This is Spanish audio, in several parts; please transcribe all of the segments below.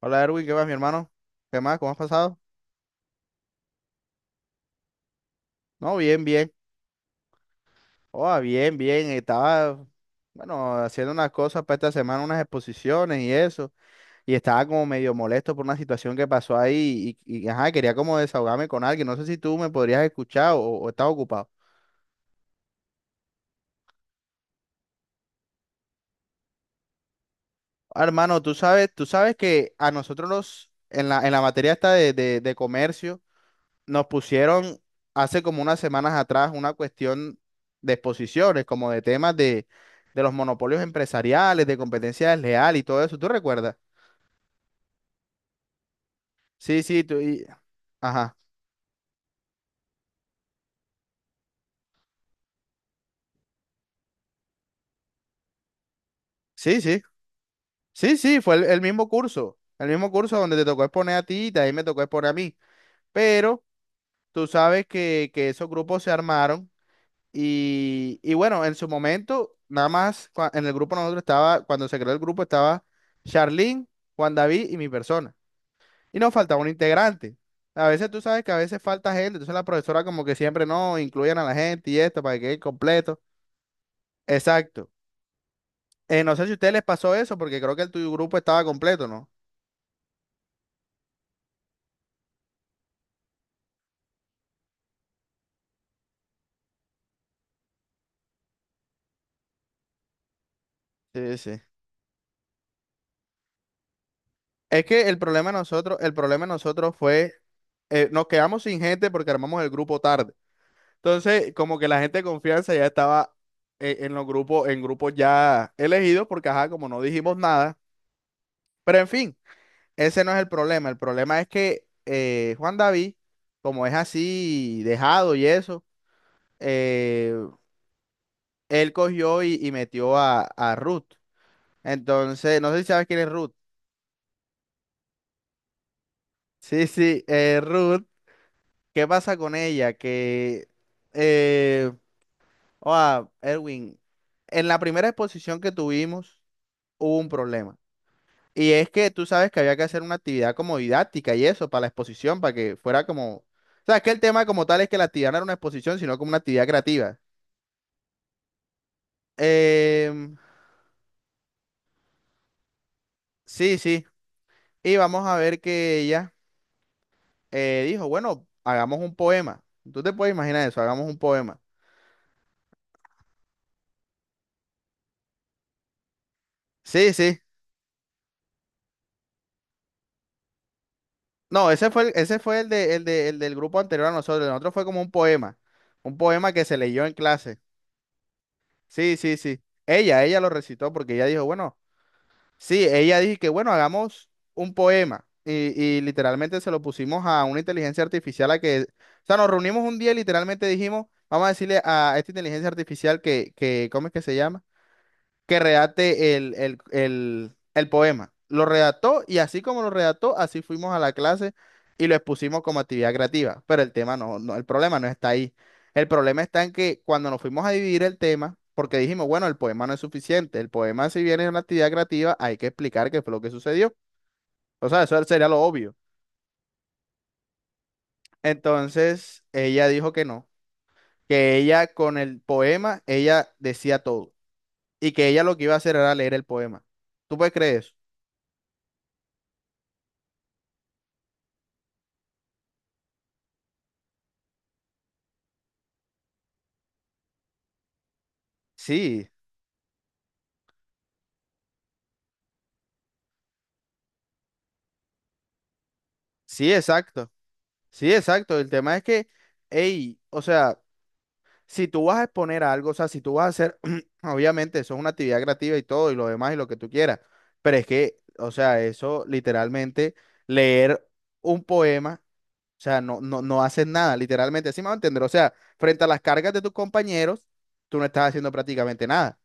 Hola Erwin, ¿qué más, mi hermano? ¿Qué más? ¿Cómo has pasado? No, bien, bien. Oh, bien, bien. Estaba, bueno, haciendo unas cosas para esta semana, unas exposiciones y eso. Y estaba como medio molesto por una situación que pasó ahí y, ajá, quería como desahogarme con alguien. No sé si tú me podrías escuchar o estás ocupado. Ah, hermano, tú sabes que a nosotros los, en la materia esta de comercio. Nos pusieron hace como unas semanas atrás una cuestión de exposiciones, como de temas de los monopolios empresariales, de competencia desleal y todo eso. ¿Tú recuerdas? Sí, sí, tú y... Ajá. Sí, sí. Sí, sí, fue el mismo curso. El mismo curso donde te tocó exponer a ti y también me tocó exponer a mí. Pero tú sabes que esos grupos se armaron y bueno, en su momento, nada más en el grupo nosotros estaba, cuando se creó el grupo estaba Charlene, Juan David y mi persona. Y nos faltaba un integrante. A veces tú sabes que a veces falta gente, entonces la profesora como que siempre no, incluyen a la gente y esto para que quede completo. Exacto. No sé si a ustedes les pasó eso, porque creo que el tuyo grupo estaba completo, ¿no? Sí, sí. Es que el problema de nosotros fue, nos quedamos sin gente porque armamos el grupo tarde. Entonces, como que la gente de confianza ya estaba, en los grupos, en grupos ya elegidos, porque ajá, como no dijimos nada. Pero en fin. Ese no es el problema. El problema es que, Juan David, como es así dejado y eso, eh, él cogió y metió a Ruth. Entonces, no sé si sabes quién es Ruth. Sí, sí, Ruth. ¿Qué pasa con ella? Eh, ah, Erwin, en la primera exposición que tuvimos hubo un problema. Y es que tú sabes que había que hacer una actividad como didáctica y eso, para la exposición, para que fuera como, o sea, es que el tema como tal es que la actividad no era una exposición, sino como una actividad creativa. Em, sí, sí. Y vamos a ver que ella, dijo, bueno, hagamos un poema. Tú te puedes imaginar eso, hagamos un poema. Sí, sí. No, ese fue el, el del grupo anterior a nosotros. El otro fue como un poema. Un poema que se leyó en clase. Sí, sí, sí. Ella lo recitó porque ella dijo, bueno. Sí, ella dijo que bueno, hagamos un poema y literalmente se lo pusimos a una inteligencia artificial a que, o sea, nos reunimos un día y literalmente dijimos, vamos a decirle a esta inteligencia artificial que, ¿cómo es que se llama? Que redacte el poema. Lo redactó y así como lo redactó, así fuimos a la clase y lo expusimos como actividad creativa. Pero el tema no, el problema no está ahí. El problema está en que cuando nos fuimos a dividir el tema, porque dijimos, bueno, el poema no es suficiente. El poema, si bien es una actividad creativa, hay que explicar qué fue lo que sucedió. O sea, eso sería lo obvio. Entonces, ella dijo que no, que ella con el poema, ella decía todo y que ella lo que iba a hacer era leer el poema. ¿Tú puedes creer eso? Sí, sí, exacto. Sí, exacto. El tema es que, hey, o sea, si tú vas a exponer algo, o sea, si tú vas a hacer, obviamente, eso es una actividad creativa y todo, y lo demás, y lo que tú quieras. Pero es que, o sea, eso literalmente, leer un poema, o sea, no haces nada, literalmente, así me va a entender. O sea, frente a las cargas de tus compañeros, tú no estás haciendo prácticamente nada.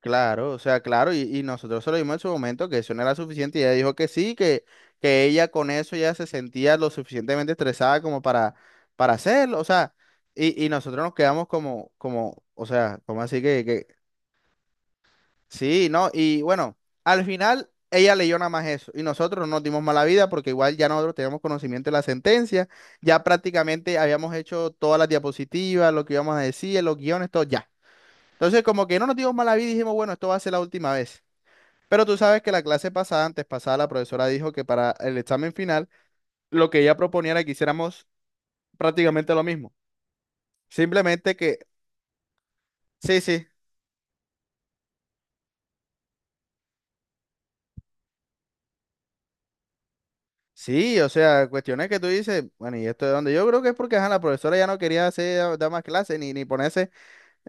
Claro, o sea, claro, y nosotros se lo dimos en su momento que eso no era suficiente y ella dijo que sí, que ella con eso ya se sentía lo suficientemente estresada como para hacerlo, o sea, y nosotros nos quedamos como, o sea, como así que, sí, no, y bueno, al final ella leyó nada más eso y nosotros no nos dimos mala vida porque igual ya nosotros teníamos conocimiento de la sentencia, ya prácticamente habíamos hecho todas las diapositivas, lo que íbamos a decir, los guiones, todo ya. Entonces como que no nos dimos mala vida y dijimos, bueno, esto va a ser la última vez. Pero tú sabes que la clase pasada, antes pasada, la profesora dijo que para el examen final, lo que ella proponía era que hiciéramos prácticamente lo mismo. Simplemente que, sí, sí, sí, o sea, cuestiones que tú dices, bueno, ¿y esto de dónde? Yo creo que es porque, ajá, la profesora ya no quería hacer, dar más clases ni ponerse.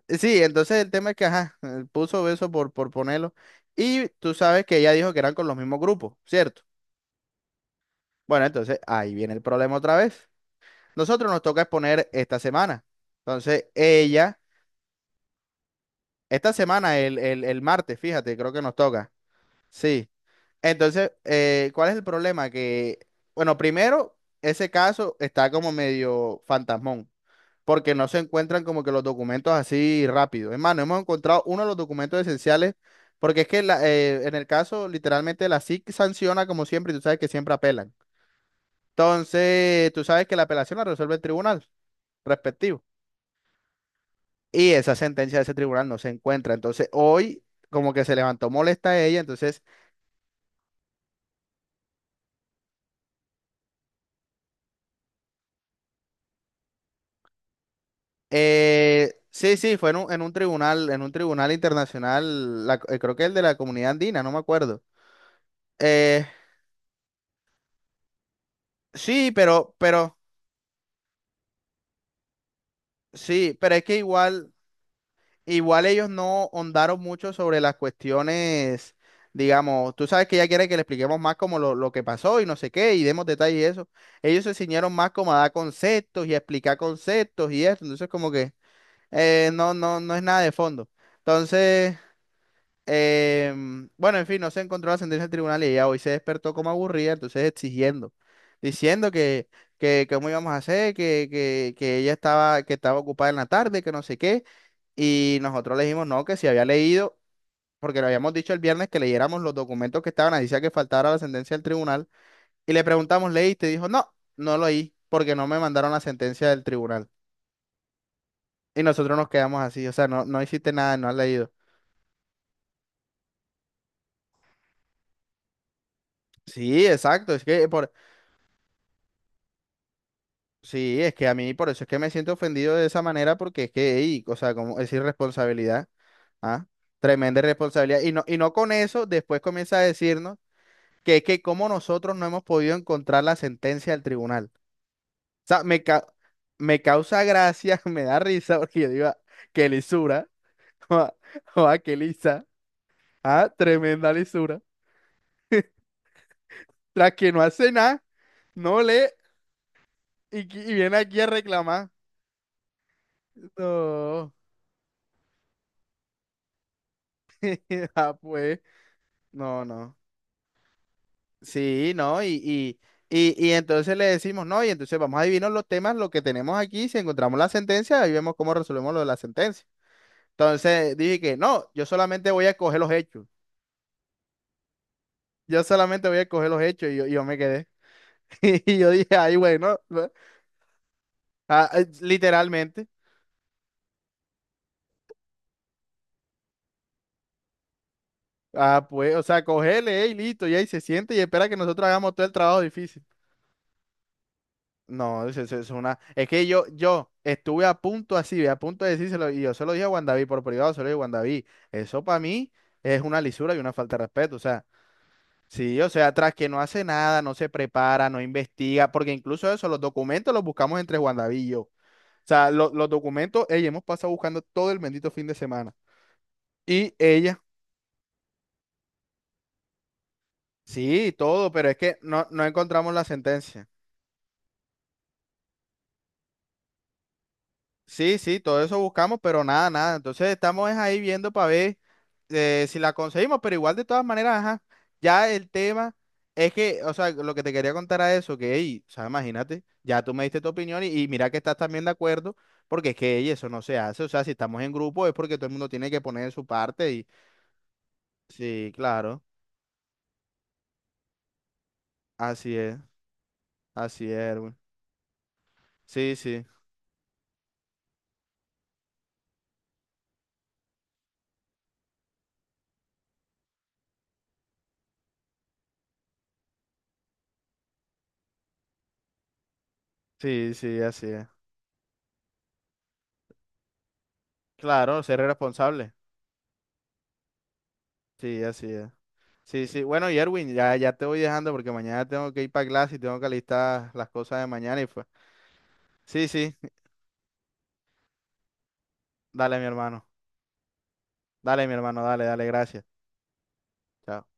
Sí, entonces el tema es que, ajá, puso eso por ponerlo. Y tú sabes que ella dijo que eran con los mismos grupos, ¿cierto? Bueno, entonces ahí viene el problema otra vez. Nosotros nos toca exponer esta semana. Entonces, ella esta semana, el martes, fíjate, creo que nos toca. Sí. Entonces, ¿cuál es el problema? Que, bueno, primero, ese caso está como medio fantasmón, porque no se encuentran como que los documentos así rápido. Es más, no hemos encontrado uno de los documentos esenciales, porque es que en el caso, literalmente, la SIC sanciona como siempre, y tú sabes que siempre apelan. Entonces, tú sabes que la apelación la resuelve el tribunal respectivo y esa sentencia de ese tribunal no se encuentra. Entonces, hoy como que se levantó molesta a ella, entonces, sí, sí, fue en un, en un tribunal internacional, creo que el de la Comunidad Andina, no me acuerdo. Eh, sí, pero, sí, pero es que igual ellos no hondaron mucho sobre las cuestiones, digamos, tú sabes que ella quiere que le expliquemos más como lo que pasó y no sé qué, y demos detalles y eso. Ellos se ciñeron más como a dar conceptos y a explicar conceptos y eso, entonces como que. No, no es nada de fondo. Entonces, bueno, en fin, no se encontró la sentencia del tribunal y ella hoy se despertó como aburrida, entonces exigiendo, diciendo que, que cómo íbamos a hacer, que, que estaba ocupada en la tarde, que no sé qué. Y nosotros le dijimos no, que si había leído, porque le habíamos dicho el viernes que leyéramos los documentos que estaban, ahí decía que faltara la sentencia del tribunal. Y le preguntamos, ¿leíste? Y dijo, no, no lo leí, porque no me mandaron la sentencia del tribunal. Y nosotros nos quedamos así, o sea, no, no hiciste nada, no has leído. Sí, exacto. Es que a mí por eso es que me siento ofendido de esa manera, porque es que, ey, o sea, como es irresponsabilidad, ¿ah? Tremenda irresponsabilidad. Y no, con eso, después comienza a decirnos que es que como nosotros no hemos podido encontrar la sentencia del tribunal. O sea, me causa gracia, me da risa, porque yo digo, "Ah, qué lisura, o a qué lisa, ah, tremenda lisura." La que no hace nada, no lee y viene aquí a reclamar. No. Ah, pues, no, no. Sí, no, y entonces le decimos, no, y entonces vamos a adivinar los temas, lo que tenemos aquí, si encontramos la sentencia, ahí vemos cómo resolvemos lo de la sentencia. Entonces dije que no, yo solamente voy a coger los hechos. Yo solamente voy a coger los hechos y yo me quedé. Y yo dije, ay, bueno, ¿no? Ah, literalmente. Ah, pues, o sea, cogele, y listo, y ahí se siente y espera que nosotros hagamos todo el trabajo difícil. No, eso es una. Es que yo estuve a punto así, a punto de decírselo, y yo se lo dije a Juan David por privado, se lo dije a Juan David. Eso para mí es una lisura y una falta de respeto. O sea, sí, o sea, tras que no hace nada, no se prepara, no investiga, porque incluso eso, los documentos los buscamos entre Juan David y yo. O sea, los documentos, ella hemos pasado buscando todo el bendito fin de semana. Y ella, sí, todo, pero es que no encontramos la sentencia. Sí, sí, todo eso buscamos, pero nada, nada. Entonces estamos es ahí viendo para ver, si la conseguimos, pero igual de todas maneras, ajá, ya el tema es que, o sea, lo que te quería contar a eso, que, ey, o sea, imagínate, ya tú me diste tu opinión y mira que estás también de acuerdo, porque es que, ey, eso no se hace, o sea, si estamos en grupo es porque todo el mundo tiene que poner su parte y, sí, claro, así es, así es, Erwin. Sí, sí, sí, sí, así es. Claro, ser responsable, sí, así es. Sí, sí. Bueno, y Erwin, ya te voy dejando porque mañana tengo que ir para clase y tengo que alistar las cosas de mañana y pues. Sí, sí. Dale, mi hermano. Dale, mi hermano. Dale, dale. Gracias. Chao.